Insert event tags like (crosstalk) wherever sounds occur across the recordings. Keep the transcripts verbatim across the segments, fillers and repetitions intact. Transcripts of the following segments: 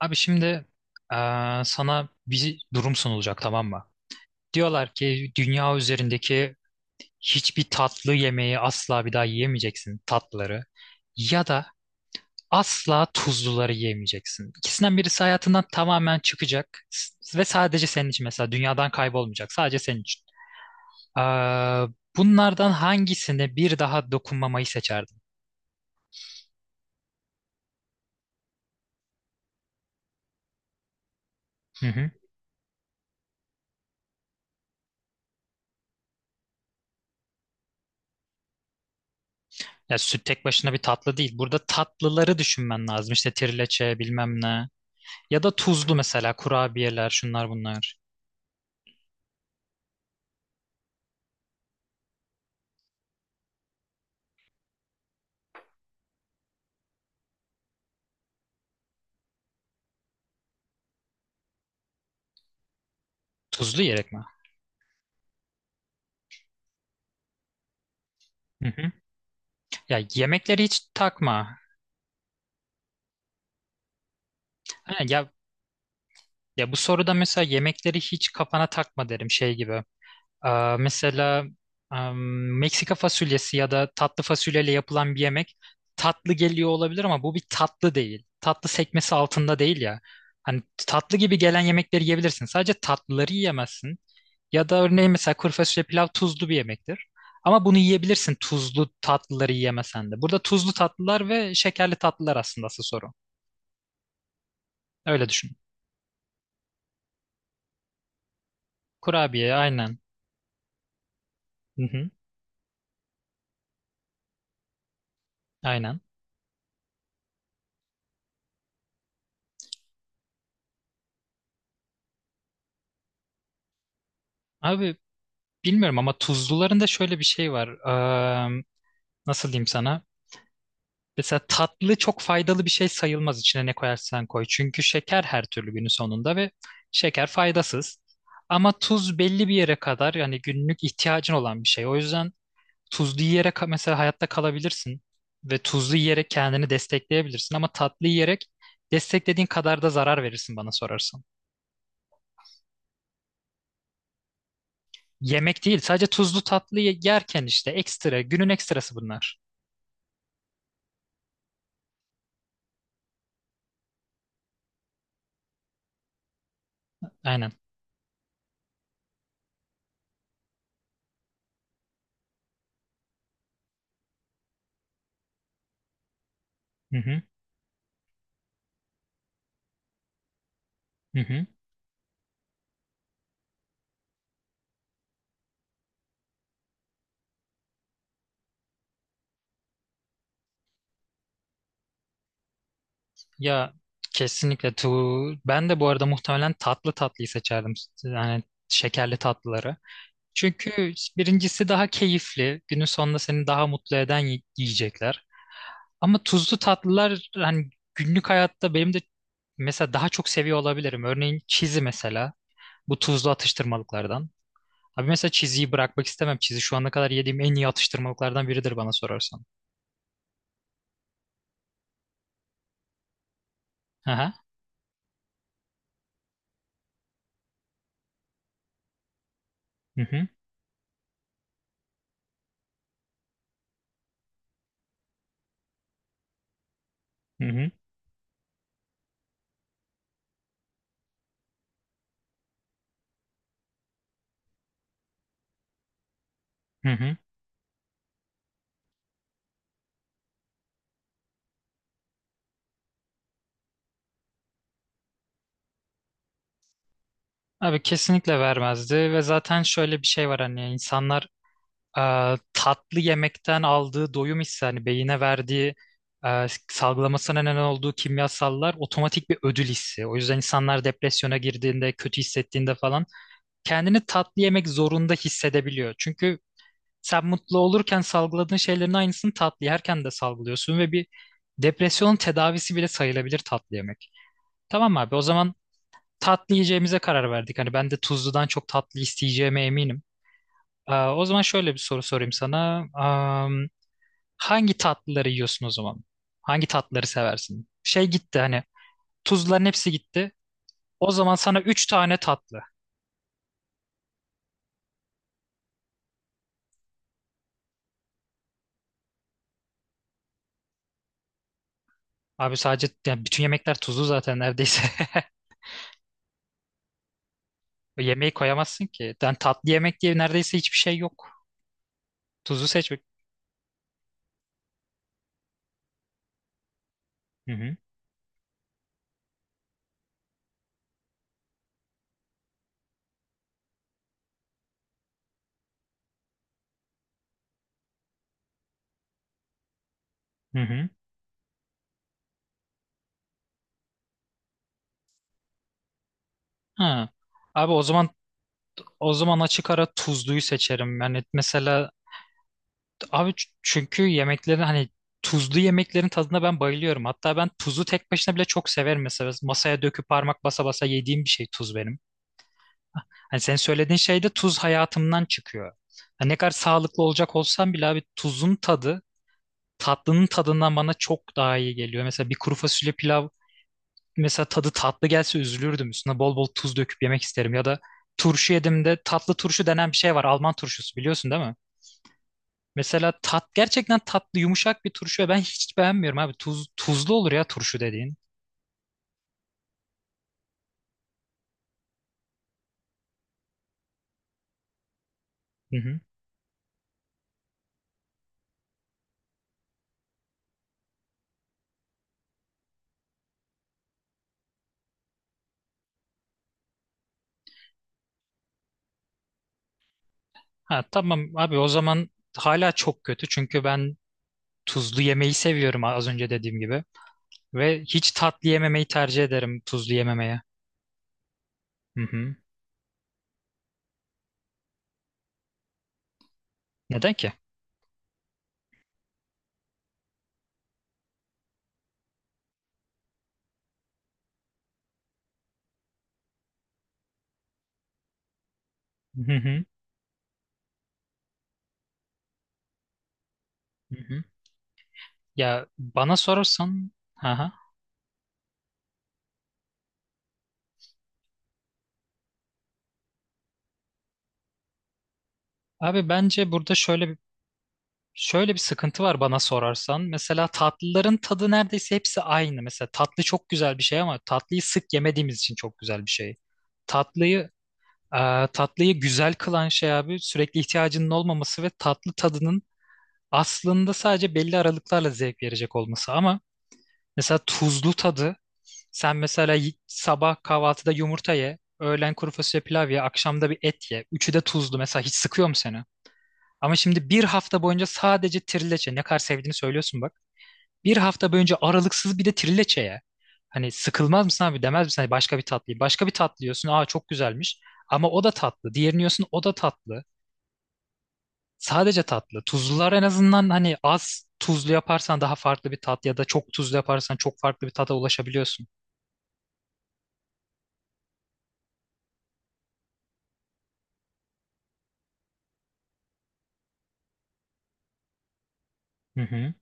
Abi şimdi eee, sana bir durum sunulacak, tamam mı? Diyorlar ki dünya üzerindeki hiçbir tatlı yemeği asla bir daha yiyemeyeceksin, tatlıları, ya da asla tuzluları yiyemeyeceksin. İkisinden birisi hayatından tamamen çıkacak, s- ve sadece senin için, mesela dünyadan kaybolmayacak, sadece senin için. Eee, Bunlardan hangisine bir daha dokunmamayı seçerdin? Hı hı. Ya süt tek başına bir tatlı değil. Burada tatlıları düşünmen lazım. İşte trileçe bilmem ne. Ya da tuzlu, mesela kurabiyeler, şunlar bunlar. Tuzlu yiyerek mi? Hı hı. Ya yemekleri hiç takma. Ha, ya ya bu soruda mesela yemekleri hiç kafana takma derim, şey gibi. Aa, mesela am, Meksika fasulyesi ya da tatlı fasulyeyle yapılan bir yemek tatlı geliyor olabilir, ama bu bir tatlı değil. Tatlı sekmesi altında değil ya. Hani tatlı gibi gelen yemekleri yiyebilirsin. Sadece tatlıları yiyemezsin. Ya da örneğin mesela kuru fasulye pilav tuzlu bir yemektir. Ama bunu yiyebilirsin, tuzlu tatlıları yiyemesen de. Burada tuzlu tatlılar ve şekerli tatlılar aslında asıl soru. Öyle düşün. Kurabiye aynen. Hı hı, aynen. Abi bilmiyorum ama tuzluların da şöyle bir şey var. Eee, Nasıl diyeyim sana? Mesela tatlı çok faydalı bir şey sayılmaz, içine ne koyarsan koy. Çünkü şeker her türlü günün sonunda, ve şeker faydasız. Ama tuz belli bir yere kadar yani günlük ihtiyacın olan bir şey. O yüzden tuzlu yiyerek mesela hayatta kalabilirsin ve tuzlu yiyerek kendini destekleyebilirsin, ama tatlı yiyerek desteklediğin kadar da zarar verirsin bana sorarsan. Yemek değil, sadece tuzlu tatlı ye- yerken işte ekstra, günün ekstrası bunlar. Aynen. Hı hı. Hı hı. Ya kesinlikle tu Ben de bu arada muhtemelen tatlı tatlıyı seçerdim. Yani şekerli tatlıları. Çünkü birincisi daha keyifli. Günün sonunda seni daha mutlu eden yi- yiyecekler. Ama tuzlu tatlılar hani günlük hayatta benim de mesela daha çok seviyor olabilirim. Örneğin çizi mesela. Bu tuzlu atıştırmalıklardan. Abi mesela çiziyi bırakmak istemem. Çizi şu ana kadar yediğim en iyi atıştırmalıklardan biridir bana sorarsan. Aha. Hı hı. Hı hı. Hı hı. Abi kesinlikle vermezdi, ve zaten şöyle bir şey var, hani insanlar e, tatlı yemekten aldığı doyum hissi, hani beyine verdiği, e, salgılamasına neden olduğu kimyasallar otomatik bir ödül hissi. O yüzden insanlar depresyona girdiğinde, kötü hissettiğinde falan kendini tatlı yemek zorunda hissedebiliyor. Çünkü sen mutlu olurken salgıladığın şeylerin aynısını tatlı yerken de salgılıyorsun, ve bir depresyon tedavisi bile sayılabilir tatlı yemek. Tamam abi, o zaman tatlı yiyeceğimize karar verdik. Hani ben de tuzludan çok tatlı isteyeceğime eminim. Aa, o zaman şöyle bir soru sorayım sana. Hangi tatlıları yiyorsun o zaman? Hangi tatlıları seversin? Şey gitti hani, tuzların hepsi gitti. O zaman sana üç tane tatlı. Abi sadece yani bütün yemekler tuzlu zaten neredeyse. (laughs) Yemeği koyamazsın ki. Yani tatlı yemek diye neredeyse hiçbir şey yok. Tuzlu seçmek. Hı hı. Hı hı. Ha. Abi o zaman, o zaman açık ara tuzluyu seçerim. Yani mesela Abi ç- çünkü yemeklerin hani tuzlu yemeklerin tadına ben bayılıyorum. Hatta ben tuzu tek başına bile çok severim mesela. Masaya döküp parmak basa basa yediğim bir şey tuz benim. Hani sen söylediğin şey de tuz hayatımdan çıkıyor. Hani ne kadar sağlıklı olacak olsam bile abi tuzun tadı tatlının tadından bana çok daha iyi geliyor. Mesela bir kuru fasulye pilav mesela tadı tatlı gelse üzülürdüm. Üstüne bol bol tuz döküp yemek isterim. Ya da turşu yedim de, tatlı turşu denen bir şey var. Alman turşusu biliyorsun değil mi? Mesela tat gerçekten tatlı, yumuşak bir turşu ve ben hiç beğenmiyorum abi. Tuz, tuzlu olur ya turşu dediğin. Hı hı. Ha tamam abi, o zaman hala çok kötü, çünkü ben tuzlu yemeyi seviyorum az önce dediğim gibi. Ve hiç tatlı yememeyi tercih ederim tuzlu yememeye. Hı hı. Neden ki? Hı hı. Hı hı. Ya bana sorarsan ha Abi bence burada şöyle bir- Şöyle bir sıkıntı var bana sorarsan. Mesela tatlıların tadı neredeyse hepsi aynı. Mesela tatlı çok güzel bir şey, ama tatlıyı sık yemediğimiz için çok güzel bir şey. Tatlıyı e, Tatlıyı güzel kılan şey abi sürekli ihtiyacının olmaması ve tatlı tadının aslında sadece belli aralıklarla zevk verecek olması. Ama mesela tuzlu tadı, sen mesela y- sabah kahvaltıda yumurta ye, öğlen kuru fasulye pilav ye, akşamda bir et ye. Üçü de tuzlu. Mesela hiç sıkıyor mu seni? Ama şimdi bir hafta boyunca sadece trileçe ne kadar sevdiğini söylüyorsun bak. Bir hafta boyunca aralıksız bir de trileçe ya. Hani sıkılmaz mısın abi, demez misin hani başka bir tatlıyı. Başka bir tatlı yiyorsun, aa çok güzelmiş. Ama o da tatlı. Diğerini yiyorsun, o da tatlı. Sadece tatlı. Tuzlular en azından, hani az tuzlu yaparsan daha farklı bir tat, ya da çok tuzlu yaparsan çok farklı bir tada ulaşabiliyorsun. Hı hı.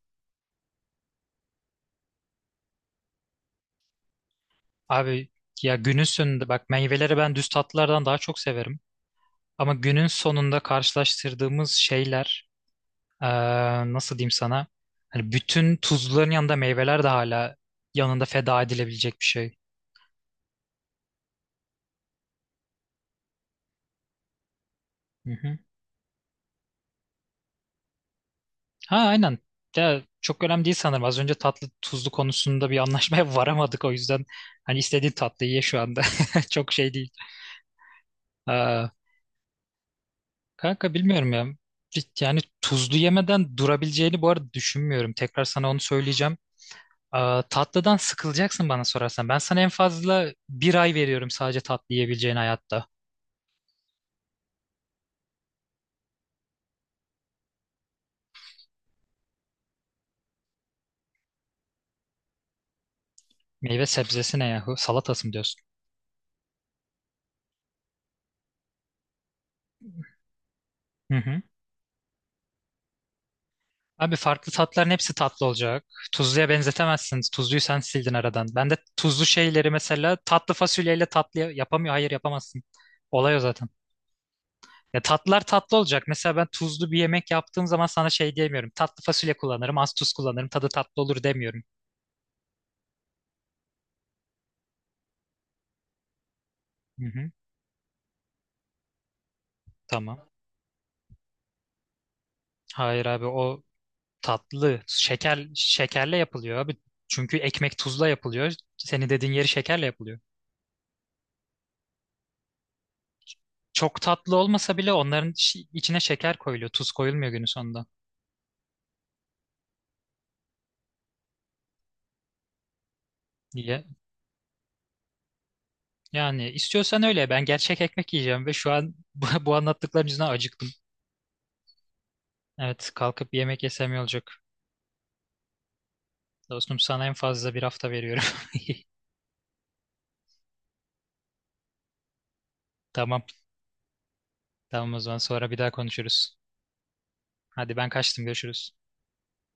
Abi ya günün sonunda bak, meyveleri ben düz tatlılardan daha çok severim. Ama günün sonunda karşılaştırdığımız şeyler, Ee, nasıl diyeyim sana? Hani bütün tuzluların yanında meyveler de hala yanında feda edilebilecek bir şey. Hı hı. Ha aynen. Ya, çok önemli değil sanırım. Az önce tatlı tuzlu konusunda bir anlaşmaya (laughs) varamadık, o yüzden hani istediğin tatlıyı ye şu anda. (laughs) Çok şey değil. Ee, kanka bilmiyorum ya. Yani tuzlu yemeden durabileceğini bu arada düşünmüyorum. Tekrar sana onu söyleyeceğim. Ee, tatlıdan sıkılacaksın bana sorarsan. Ben sana en fazla bir ay veriyorum sadece tatlı yiyebileceğin hayatta. Meyve sebzesi ne yahu? Salatası mı diyorsun? Hı hı. Abi farklı tatların hepsi tatlı olacak. Tuzluya benzetemezsiniz. Tuzluyu sen sildin aradan. Ben de tuzlu şeyleri mesela tatlı fasulyeyle tatlı yapamıyor. Hayır yapamazsın. Olay o zaten. Ya tatlılar tatlı olacak. Mesela ben tuzlu bir yemek yaptığım zaman sana şey diyemiyorum. Tatlı fasulye kullanırım, az tuz kullanırım. Tadı tatlı olur demiyorum. Hı hı. Tamam. Hayır abi o tatlı. Şeker şekerle yapılıyor abi. Çünkü ekmek tuzla yapılıyor. Senin dediğin yeri şekerle yapılıyor. Çok tatlı olmasa bile onların şi- içine şeker koyuluyor. Tuz koyulmuyor günün sonunda diye. Yani istiyorsan öyle. Ben gerçek ekmek yiyeceğim, ve şu an (laughs) bu, bu anlattıkların yüzünden acıktım. Evet, kalkıp bir yemek yesem iyi olacak. Dostum sana en fazla bir hafta veriyorum. (laughs) Tamam. Tamam o zaman sonra bir daha konuşuruz. Hadi ben kaçtım, görüşürüz.